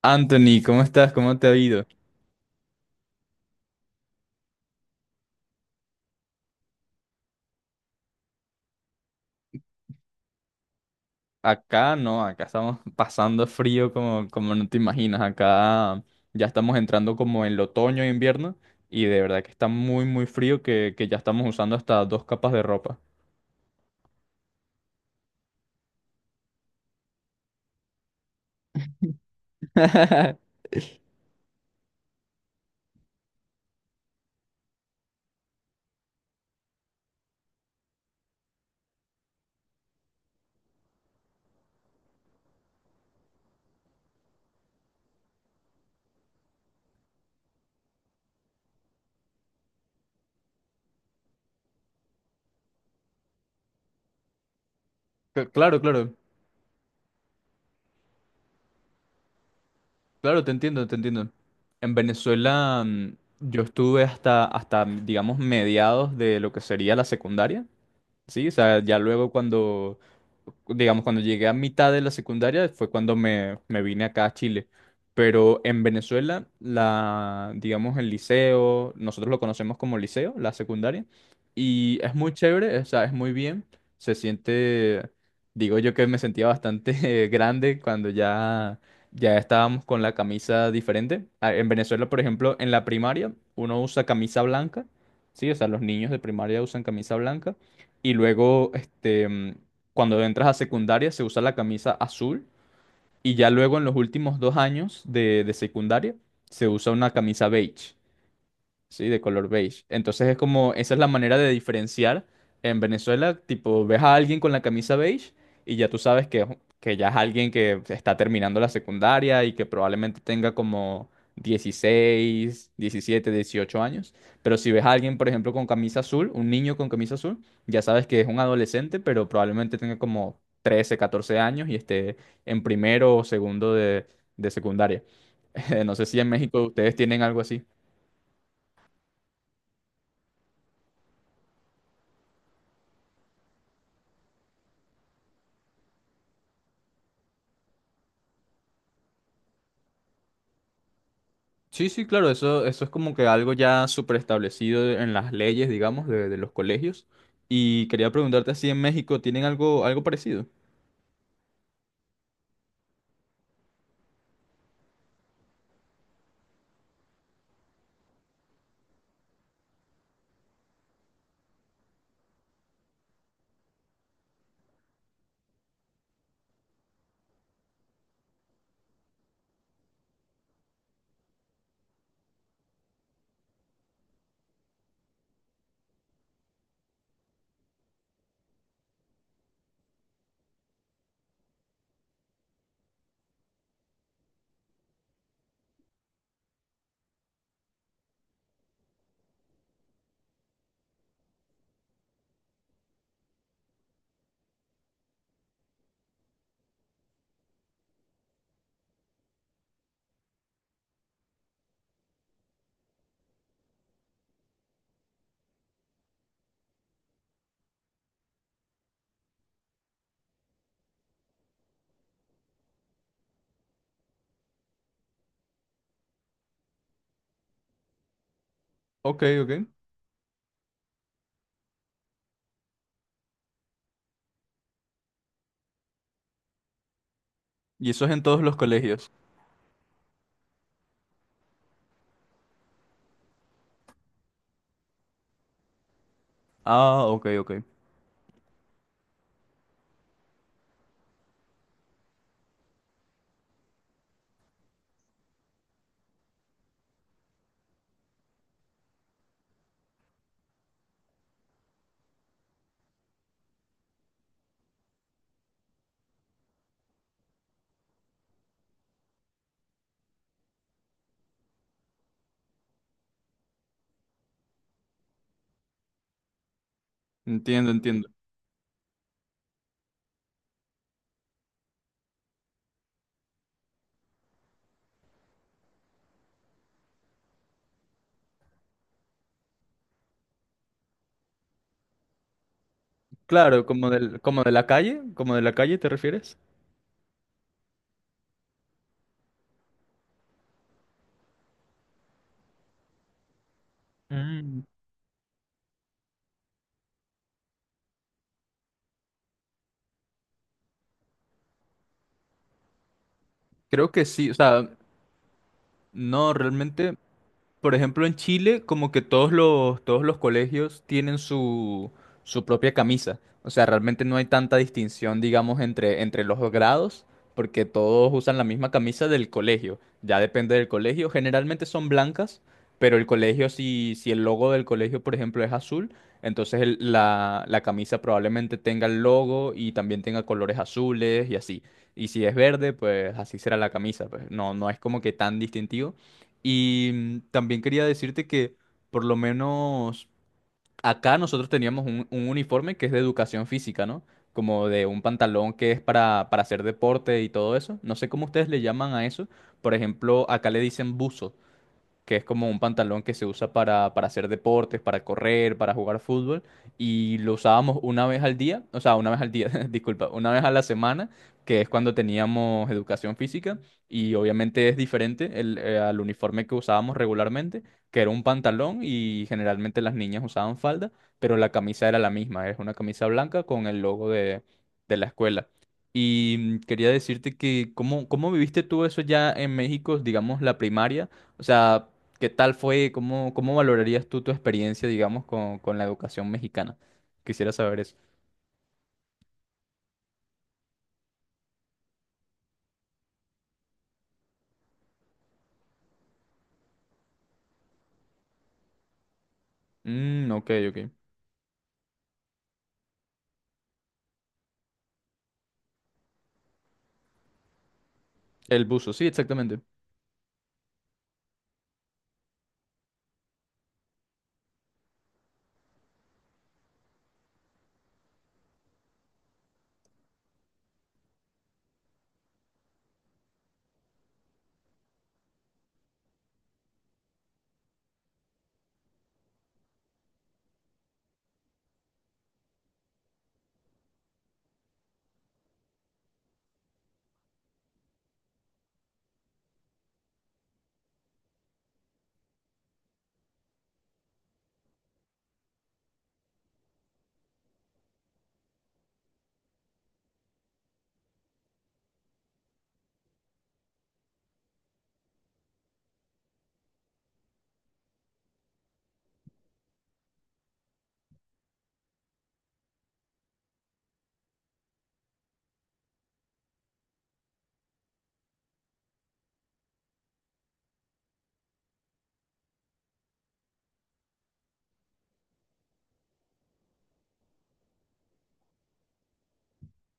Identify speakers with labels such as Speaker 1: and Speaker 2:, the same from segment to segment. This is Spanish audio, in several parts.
Speaker 1: Anthony, ¿cómo estás? ¿Cómo te ha ido? Acá no, acá estamos pasando frío como, como no te imaginas. Acá ya estamos entrando como en el otoño e invierno y de verdad que está muy, muy frío que ya estamos usando hasta dos capas de ropa. C- Claro, claro, claro, te entiendo, te entiendo. En Venezuela yo estuve hasta, hasta, digamos, mediados de lo que sería la secundaria. Sí, o sea, ya luego cuando, digamos, cuando llegué a mitad de la secundaria fue cuando me vine acá a Chile. Pero en Venezuela, la, digamos, el liceo, nosotros lo conocemos como liceo, la secundaria, y es muy chévere, o sea, es muy bien. Se siente, digo yo que me sentía bastante grande cuando ya, ya estábamos con la camisa diferente. Ah, en Venezuela, por ejemplo, en la primaria, uno usa camisa blanca, sí, o sea, los niños de primaria usan camisa blanca. Y luego, este, cuando entras a secundaria, se usa la camisa azul. Y ya luego en los últimos dos años de secundaria, se usa una camisa beige. Sí, de color beige. Entonces es como, esa es la manera de diferenciar. En Venezuela, tipo, ves a alguien con la camisa beige y ya tú sabes que, que ya es alguien que está terminando la secundaria y que probablemente tenga como 16, 17, 18 años. Pero si ves a alguien, por ejemplo, con camisa azul, un niño con camisa azul, ya sabes que es un adolescente, pero probablemente tenga como 13, 14 años y esté en primero o segundo de secundaria. No sé si en México ustedes tienen algo así. Sí, sí, claro, eso es como que algo ya súper establecido en las leyes, digamos, de los colegios. Y quería preguntarte si en México tienen algo, algo parecido. Ok, ok. ¿Y eso es en todos los colegios? Ah, ok, ok. Entiendo, entiendo. Claro, como del, como de la calle, como de la calle, ¿te refieres? Mm, Creo que sí, o sea, no, realmente. Por ejemplo, en Chile, como que todos los colegios tienen su, su propia camisa. O sea, realmente no hay tanta distinción, digamos, entre, entre los dos grados, porque todos usan la misma camisa del colegio. Ya depende del colegio. Generalmente son blancas, pero el colegio, si, si el logo del colegio, por ejemplo, es azul, entonces la, la camisa probablemente tenga el logo y también tenga colores azules y así. Y si es verde, pues así será la camisa. Pues no, no es como que tan distintivo. Y también quería decirte que por lo menos acá nosotros teníamos un uniforme que es de educación física, ¿no? Como de un pantalón que es para hacer deporte y todo eso. No sé cómo ustedes le llaman a eso. Por ejemplo, acá le dicen buzo, que es como un pantalón que se usa para hacer deportes, para correr, para jugar fútbol, y lo usábamos una vez al día, o sea, una vez al día, disculpa, una vez a la semana, que es cuando teníamos educación física, y obviamente es diferente al uniforme que usábamos regularmente, que era un pantalón y generalmente las niñas usaban falda, pero la camisa era la misma, es una camisa blanca con el logo de la escuela. Y quería decirte que, ¿cómo, cómo viviste tú eso ya en México, digamos, la primaria? O sea, ¿qué tal fue? ¿Cómo, cómo valorarías tú tu experiencia, digamos, con la educación mexicana? Quisiera saber eso. Ok, ok. El buzo, sí, exactamente.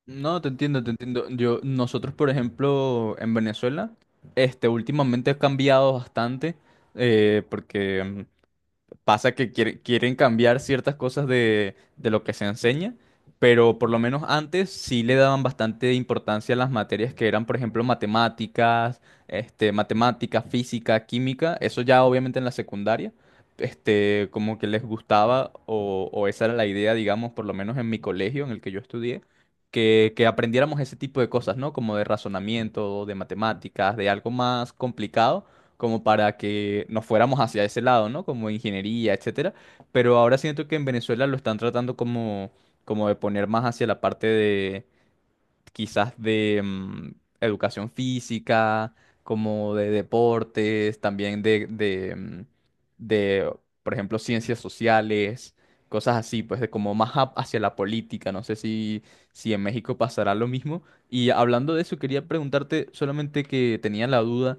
Speaker 1: No, te entiendo, te entiendo. Yo, nosotros, por ejemplo, en Venezuela, este, últimamente ha cambiado bastante, porque pasa que quieren cambiar ciertas cosas de lo que se enseña, pero por lo menos antes sí le daban bastante importancia a las materias que eran, por ejemplo, matemáticas, este, matemática, física, química, eso ya obviamente en la secundaria, este, como que les gustaba o esa era la idea, digamos, por lo menos en mi colegio en el que yo estudié. Que aprendiéramos ese tipo de cosas, ¿no? Como de razonamiento, de matemáticas, de algo más complicado como para que nos fuéramos hacia ese lado, ¿no? Como ingeniería, etcétera. Pero ahora siento que en Venezuela lo están tratando como, como de poner más hacia la parte de quizás de educación física, como de deportes, también de, de, por ejemplo, ciencias sociales, cosas así, pues de como más hacia la política. No sé si, si en México pasará lo mismo. Y hablando de eso, quería preguntarte, solamente que tenía la duda.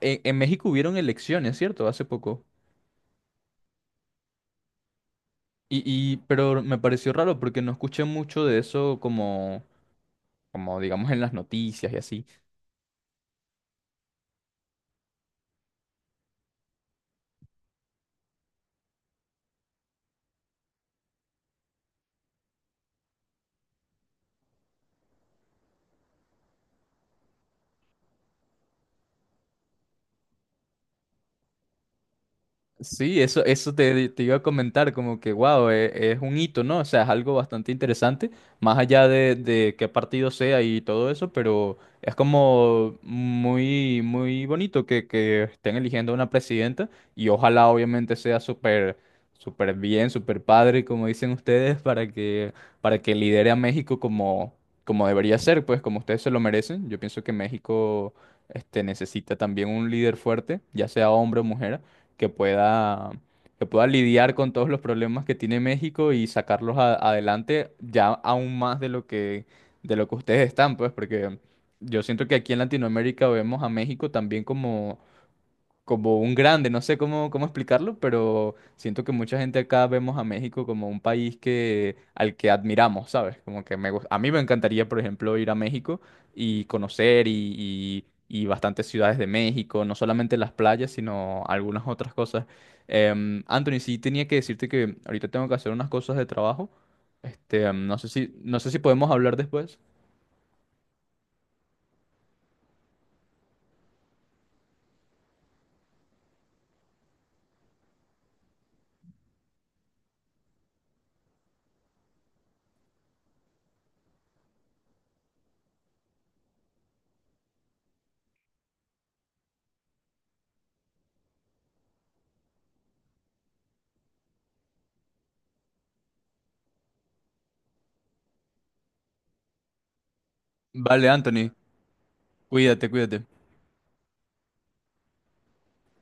Speaker 1: En México hubieron elecciones, ¿cierto? Hace poco. Y, pero me pareció raro porque no escuché mucho de eso como, como digamos en las noticias y así. Sí, eso te, te iba a comentar, como que, wow, es, un hito, ¿no? O sea, es algo bastante interesante, más allá de qué partido sea y todo eso, pero es como muy, muy bonito que estén eligiendo una presidenta y ojalá obviamente sea súper, súper bien, súper padre, como dicen ustedes, para que lidere a México como, como debería ser, pues como ustedes se lo merecen. Yo pienso que México, este, necesita también un líder fuerte, ya sea hombre o mujer que pueda, que pueda lidiar con todos los problemas que tiene México y sacarlos adelante ya aún más de lo que ustedes están, pues, porque yo siento que aquí en Latinoamérica vemos a México también como como un grande, no sé cómo, cómo explicarlo, pero siento que mucha gente acá vemos a México como un país que, al que admiramos, ¿sabes? Como que me, a mí me encantaría, por ejemplo, ir a México y conocer y, y bastantes ciudades de México, no solamente las playas, sino algunas otras cosas. Anthony, sí tenía que decirte que ahorita tengo que hacer unas cosas de trabajo. Este, no sé si, no sé si podemos hablar después. Vale, Anthony, cuídate, cuídate.